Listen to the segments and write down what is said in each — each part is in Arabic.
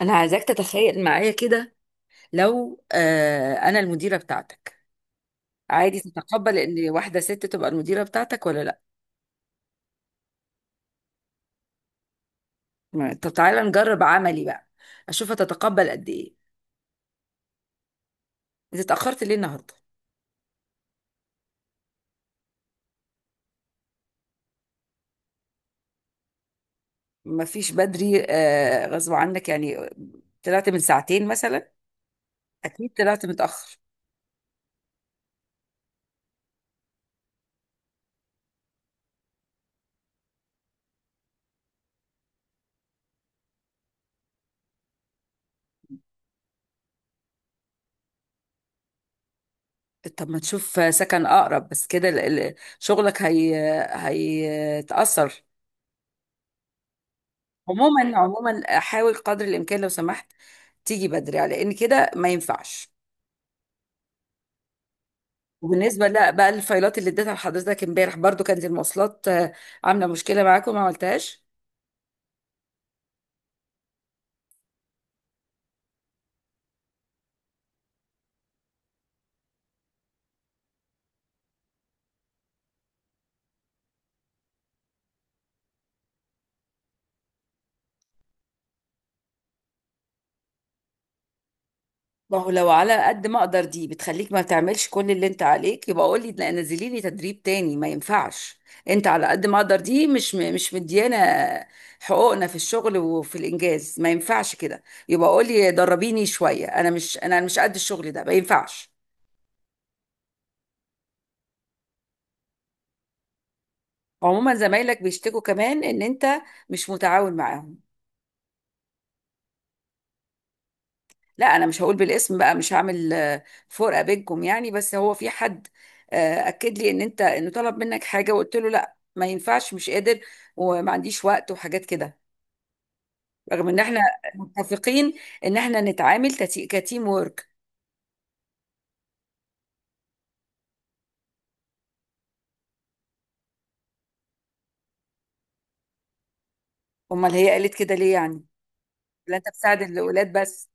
انا عايزاك تتخيل معايا كده. لو انا المديره بتاعتك، عادي تتقبل ان واحده ست تبقى المديره بتاعتك ولا لا؟ طب تعالى نجرب عملي بقى، اشوف هتتقبل قد ايه. انت اتاخرت ليه النهارده؟ ما فيش بدري غصب عنك يعني؟ طلعت من ساعتين مثلا؟ اكيد طلعت متاخر. طب ما تشوف سكن اقرب بس، كده شغلك هي هيتاثر. عموما حاول قدر الامكان لو سمحت تيجي بدري، على ان كده ما ينفعش. وبالنسبة لا بقى الفايلات اللي اديتها لحضرتك امبارح، برضو كانت المواصلات عاملة مشكلة معاكم ما عملتهاش؟ ما هو لو على قد ما اقدر دي بتخليك ما بتعملش كل اللي انت عليك، يبقى قول لي لا نزلي لي تدريب تاني، ما ينفعش. انت على قد ما اقدر دي مش مديانا حقوقنا في الشغل وفي الانجاز، ما ينفعش كده. يبقى قول لي دربيني شوية، انا مش قد الشغل ده، ما ينفعش. عموما زمايلك بيشتكوا كمان ان انت مش متعاون معاهم. لا انا مش هقول بالاسم بقى، مش هعمل فرقه بينكم يعني، بس هو في حد اكد لي ان انه طلب منك حاجه وقلت له لا ما ينفعش مش قادر وما عنديش وقت وحاجات كده، رغم ان احنا متفقين ان احنا نتعامل كتيم وورك. امال هي قالت كده ليه يعني؟ لا انت بتساعد الاولاد بس؟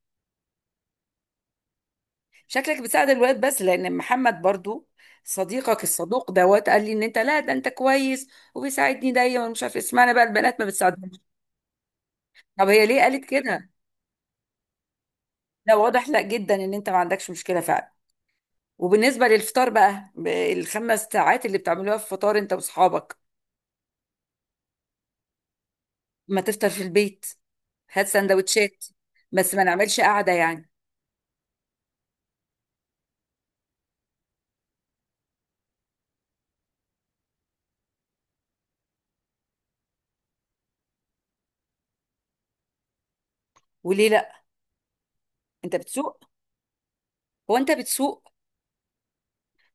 شكلك بتساعد الولاد بس، لان محمد برضو صديقك الصدوق دوت قال لي ان انت، لا ده انت كويس وبيساعدني دايما، مش عارف اسمعنا بقى، البنات ما بتساعدنيش. طب هي ليه قالت كده؟ لا واضح لا جدا ان انت ما عندكش مشكله فعلا. وبالنسبه للفطار بقى، الخمس ساعات اللي بتعملوها في فطار انت واصحابك؟ ما تفطر في البيت، هات سندوتشات، بس ما نعملش قعده يعني. وليه لا؟ انت بتسوق؟ هو انت بتسوق؟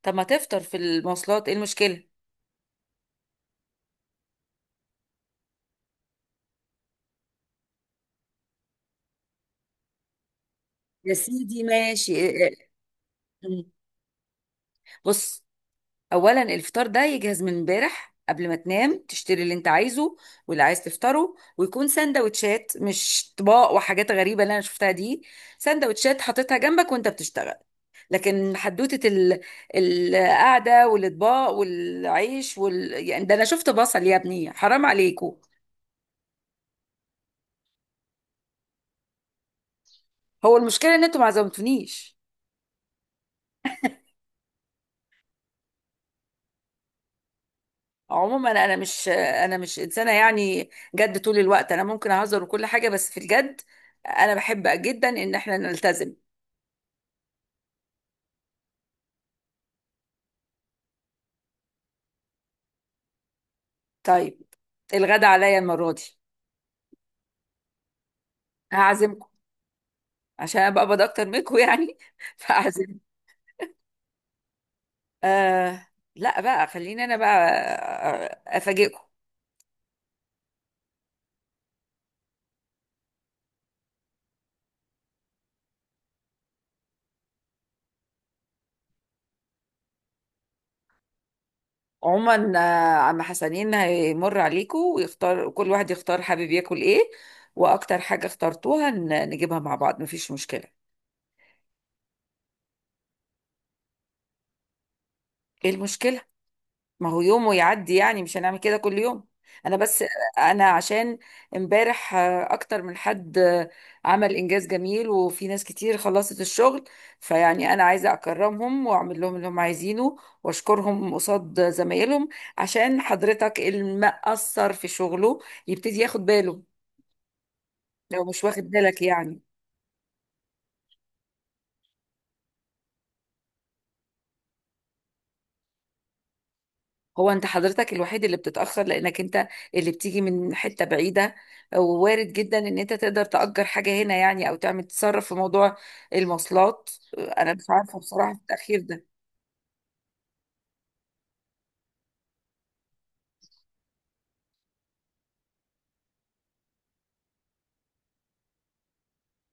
طب ما تفطر في المواصلات، ايه المشكله؟ يا سيدي ماشي إيه. بص، اولا الفطار ده يجهز من امبارح، قبل ما تنام تشتري اللي انت عايزه واللي عايز تفطره، ويكون سندوتشات مش طباق وحاجات غريبه اللي انا شفتها دي. سندوتشات حاططها جنبك وانت بتشتغل. لكن حدوته القعده والاطباق والعيش يعني ده انا شفت بصل، يا ابني حرام عليكم. هو المشكله ان انتوا ما عزمتونيش. عموما انا مش انسانه يعني جد طول الوقت، انا ممكن اهزر وكل حاجه، بس في الجد انا بحب جدا ان احنا نلتزم. طيب الغدا عليا المرة دي. هعزمكم عشان انا بقبض اكتر منكم يعني فهعزمكم. آه لا بقى خليني انا بقى افاجئكم. عموما عم حسنين هيمر عليكم، كل واحد يختار حابب ياكل ايه، واكتر حاجة اخترتوها نجيبها مع بعض، مفيش مشكلة. ايه المشكلة؟ ما هو يوم ويعدي يعني، مش هنعمل كده كل يوم. انا بس، انا عشان امبارح اكتر من حد عمل انجاز جميل وفي ناس كتير خلصت الشغل، فيعني انا عايزه اكرمهم واعمل لهم اللي هم عايزينه واشكرهم قصاد زمايلهم، عشان حضرتك المقصر في شغله يبتدي ياخد باله لو مش واخد بالك يعني. هو انت حضرتك الوحيد اللي بتتأخر، لانك انت اللي بتيجي من حتة بعيدة، ووارد جدا ان انت تقدر تأجر حاجة هنا يعني، او تعمل تصرف في موضوع المواصلات. انا مش عارفة بصراحة في التأخير ده.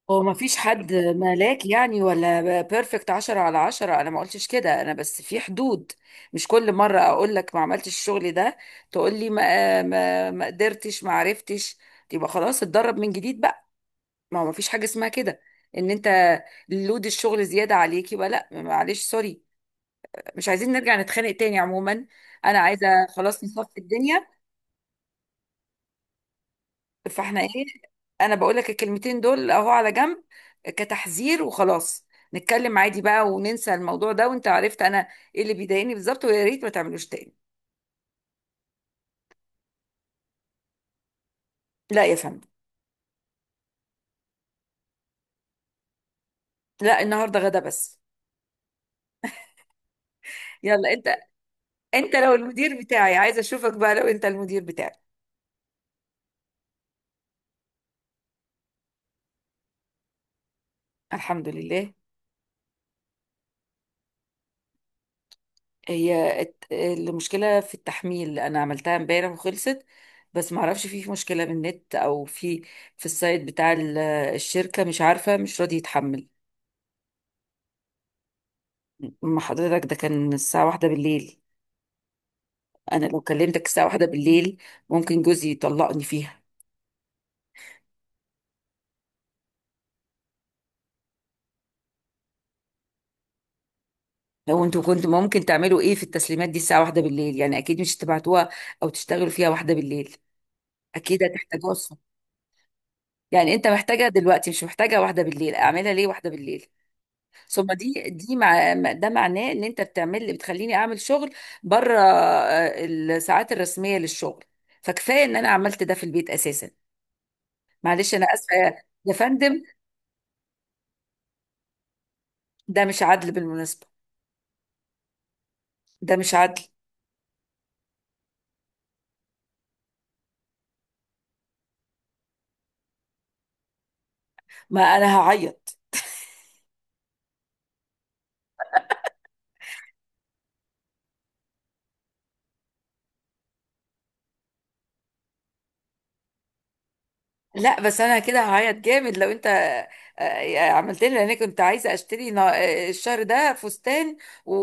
هو ما فيش حد ملاك يعني ولا بيرفكت عشرة على عشرة، انا ما قلتش كده، انا بس في حدود. مش كل مرة اقول لك ما عملتش الشغل ده، تقول لي ما قدرتش ما عرفتش. يبقى خلاص اتدرب من جديد بقى. ما هو مفيش حاجة اسمها كده ان انت لود الشغل زيادة عليك، يبقى لا معلش سوري. مش عايزين نرجع نتخانق تاني. عموما انا عايزة خلاص نصفي الدنيا، فاحنا ايه؟ انا بقول لك الكلمتين دول اهو على جنب، كتحذير وخلاص، نتكلم عادي بقى وننسى الموضوع ده، وانت عرفت انا ايه اللي بيضايقني بالظبط، ويا ريت ما تعملوش تاني. لا يا فندم. لا النهارده غدا بس. يلا انت، انت لو المدير بتاعي عايزة اشوفك بقى. لو انت المدير بتاعي: الحمد لله. هي المشكلة في التحميل، أنا عملتها امبارح وخلصت، بس معرفش في مشكلة بالنت أو في السايت بتاع الشركة، مش عارفة مش راضي يتحمل. ما حضرتك ده كان الساعة واحدة بالليل، أنا لو كلمتك الساعة واحدة بالليل ممكن جوزي يطلقني فيها. لو انتوا كنتوا ممكن تعملوا ايه في التسليمات دي الساعة واحدة بالليل؟ يعني أكيد مش تبعتوها أو تشتغلوا فيها واحدة بالليل، أكيد هتحتاجوها الصبح. يعني أنت محتاجها دلوقتي مش محتاجها واحدة بالليل، أعملها ليه واحدة بالليل؟ ثم ده معناه ان انت بتخليني اعمل شغل بره الساعات الرسميه للشغل، فكفايه ان انا عملت ده في البيت اساسا. معلش انا اسفه يا فندم. ده مش عدل بالمناسبه، ده مش عدل. ما انا هعيط. لا بس انا كده هعيط جامد لو انت عملت لي، لان انا كنت عايزه اشتري الشهر ده فستان و-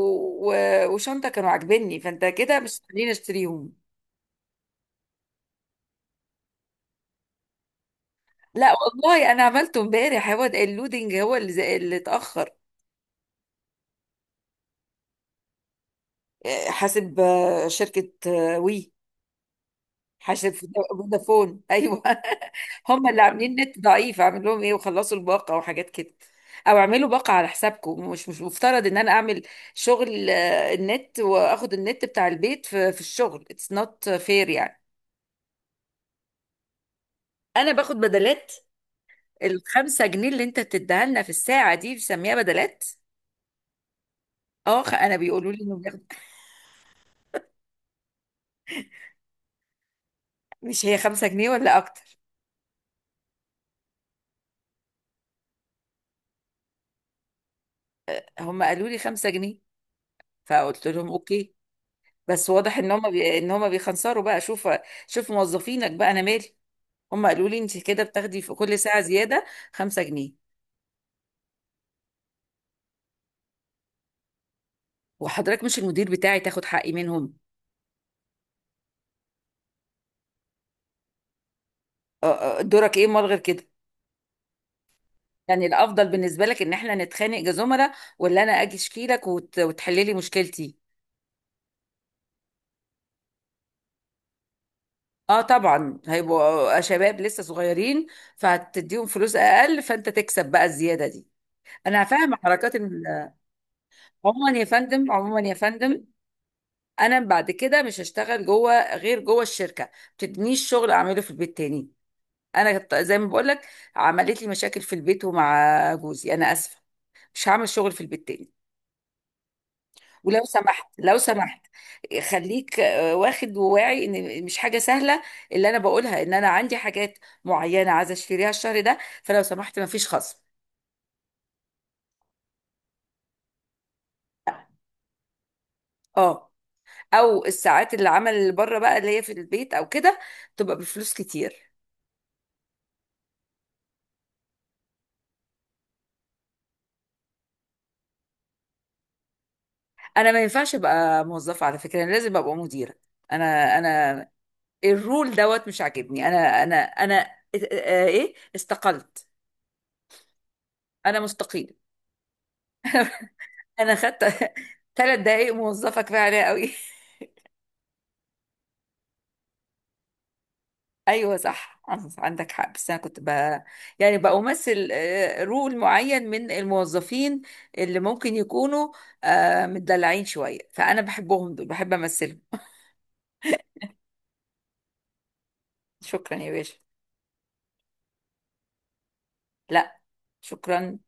و- وشنطه كانوا عاجبني، فانت كده مش هتخليني اشتريهم. لا والله انا عملته امبارح، هو ده اللودنج هو اللي اللي اتاخر. حاسب شركه وي، حاسب فودافون ايوه هم اللي عاملين نت ضعيف، اعمل لهم ايه؟ وخلصوا الباقه وحاجات كده، او اعملوا باقه على حسابكم. مش مفترض ان انا اعمل شغل النت، واخد النت بتاع البيت في الشغل، اتس نوت فير يعني. انا باخد بدلات؟ الخمسة جنيه اللي انت بتديها لنا في الساعه دي بسميها بدلات؟ اه، انا بيقولوا لي انه بياخد، مش هي خمسة جنيه ولا اكتر؟ هم قالوا لي 5 جنيه، فقلت لهم اوكي. بس واضح ان هم بيخنصروا بقى. شوف، شوف موظفينك بقى، انا مالي. هم قالوا لي انت كده بتاخدي في كل ساعه زياده 5 جنيه. وحضرتك مش المدير بتاعي تاخد حقي منهم؟ دورك ايه امال غير كده؟ يعني الافضل بالنسبه لك ان احنا نتخانق كزملاء، ولا انا اجي اشكي لك وتحلي لي مشكلتي؟ اه طبعا، هيبقوا شباب لسه صغيرين فهتديهم فلوس اقل، فانت تكسب بقى الزياده دي، انا فاهمه حركات. عموما يا فندم، عموما يا فندم، انا بعد كده مش هشتغل جوه غير جوه الشركه، ما تدينيش شغل اعمله في البيت تاني. انا زي ما بقول لك عملت لي مشاكل في البيت ومع جوزي، انا اسفه مش هعمل شغل في البيت تاني. ولو سمحت خليك واخد وواعي ان مش حاجه سهله اللي انا بقولها. ان انا عندي حاجات معينه عايزه اشتريها الشهر ده، فلو سمحت مفيش خصم. اه، او الساعات اللي عمل بره بقى اللي هي في البيت او كده، تبقى بفلوس كتير. انا ما ينفعش ابقى موظفه على فكره، انا لازم ابقى مديره. انا الرول دوت مش عاجبني. انا إيه؟ استقلت. انا مستقيل. انا خدت ثلاث دقايق موظفه كفايه عليا قوي ايوه صح، عندك حق، بس انا كنت يعني بمثل رول معين من الموظفين، اللي ممكن يكونوا متدلعين شويه، فانا بحبهم دول، بحب امثلهم. شكرا يا باشا. لا، شكرا.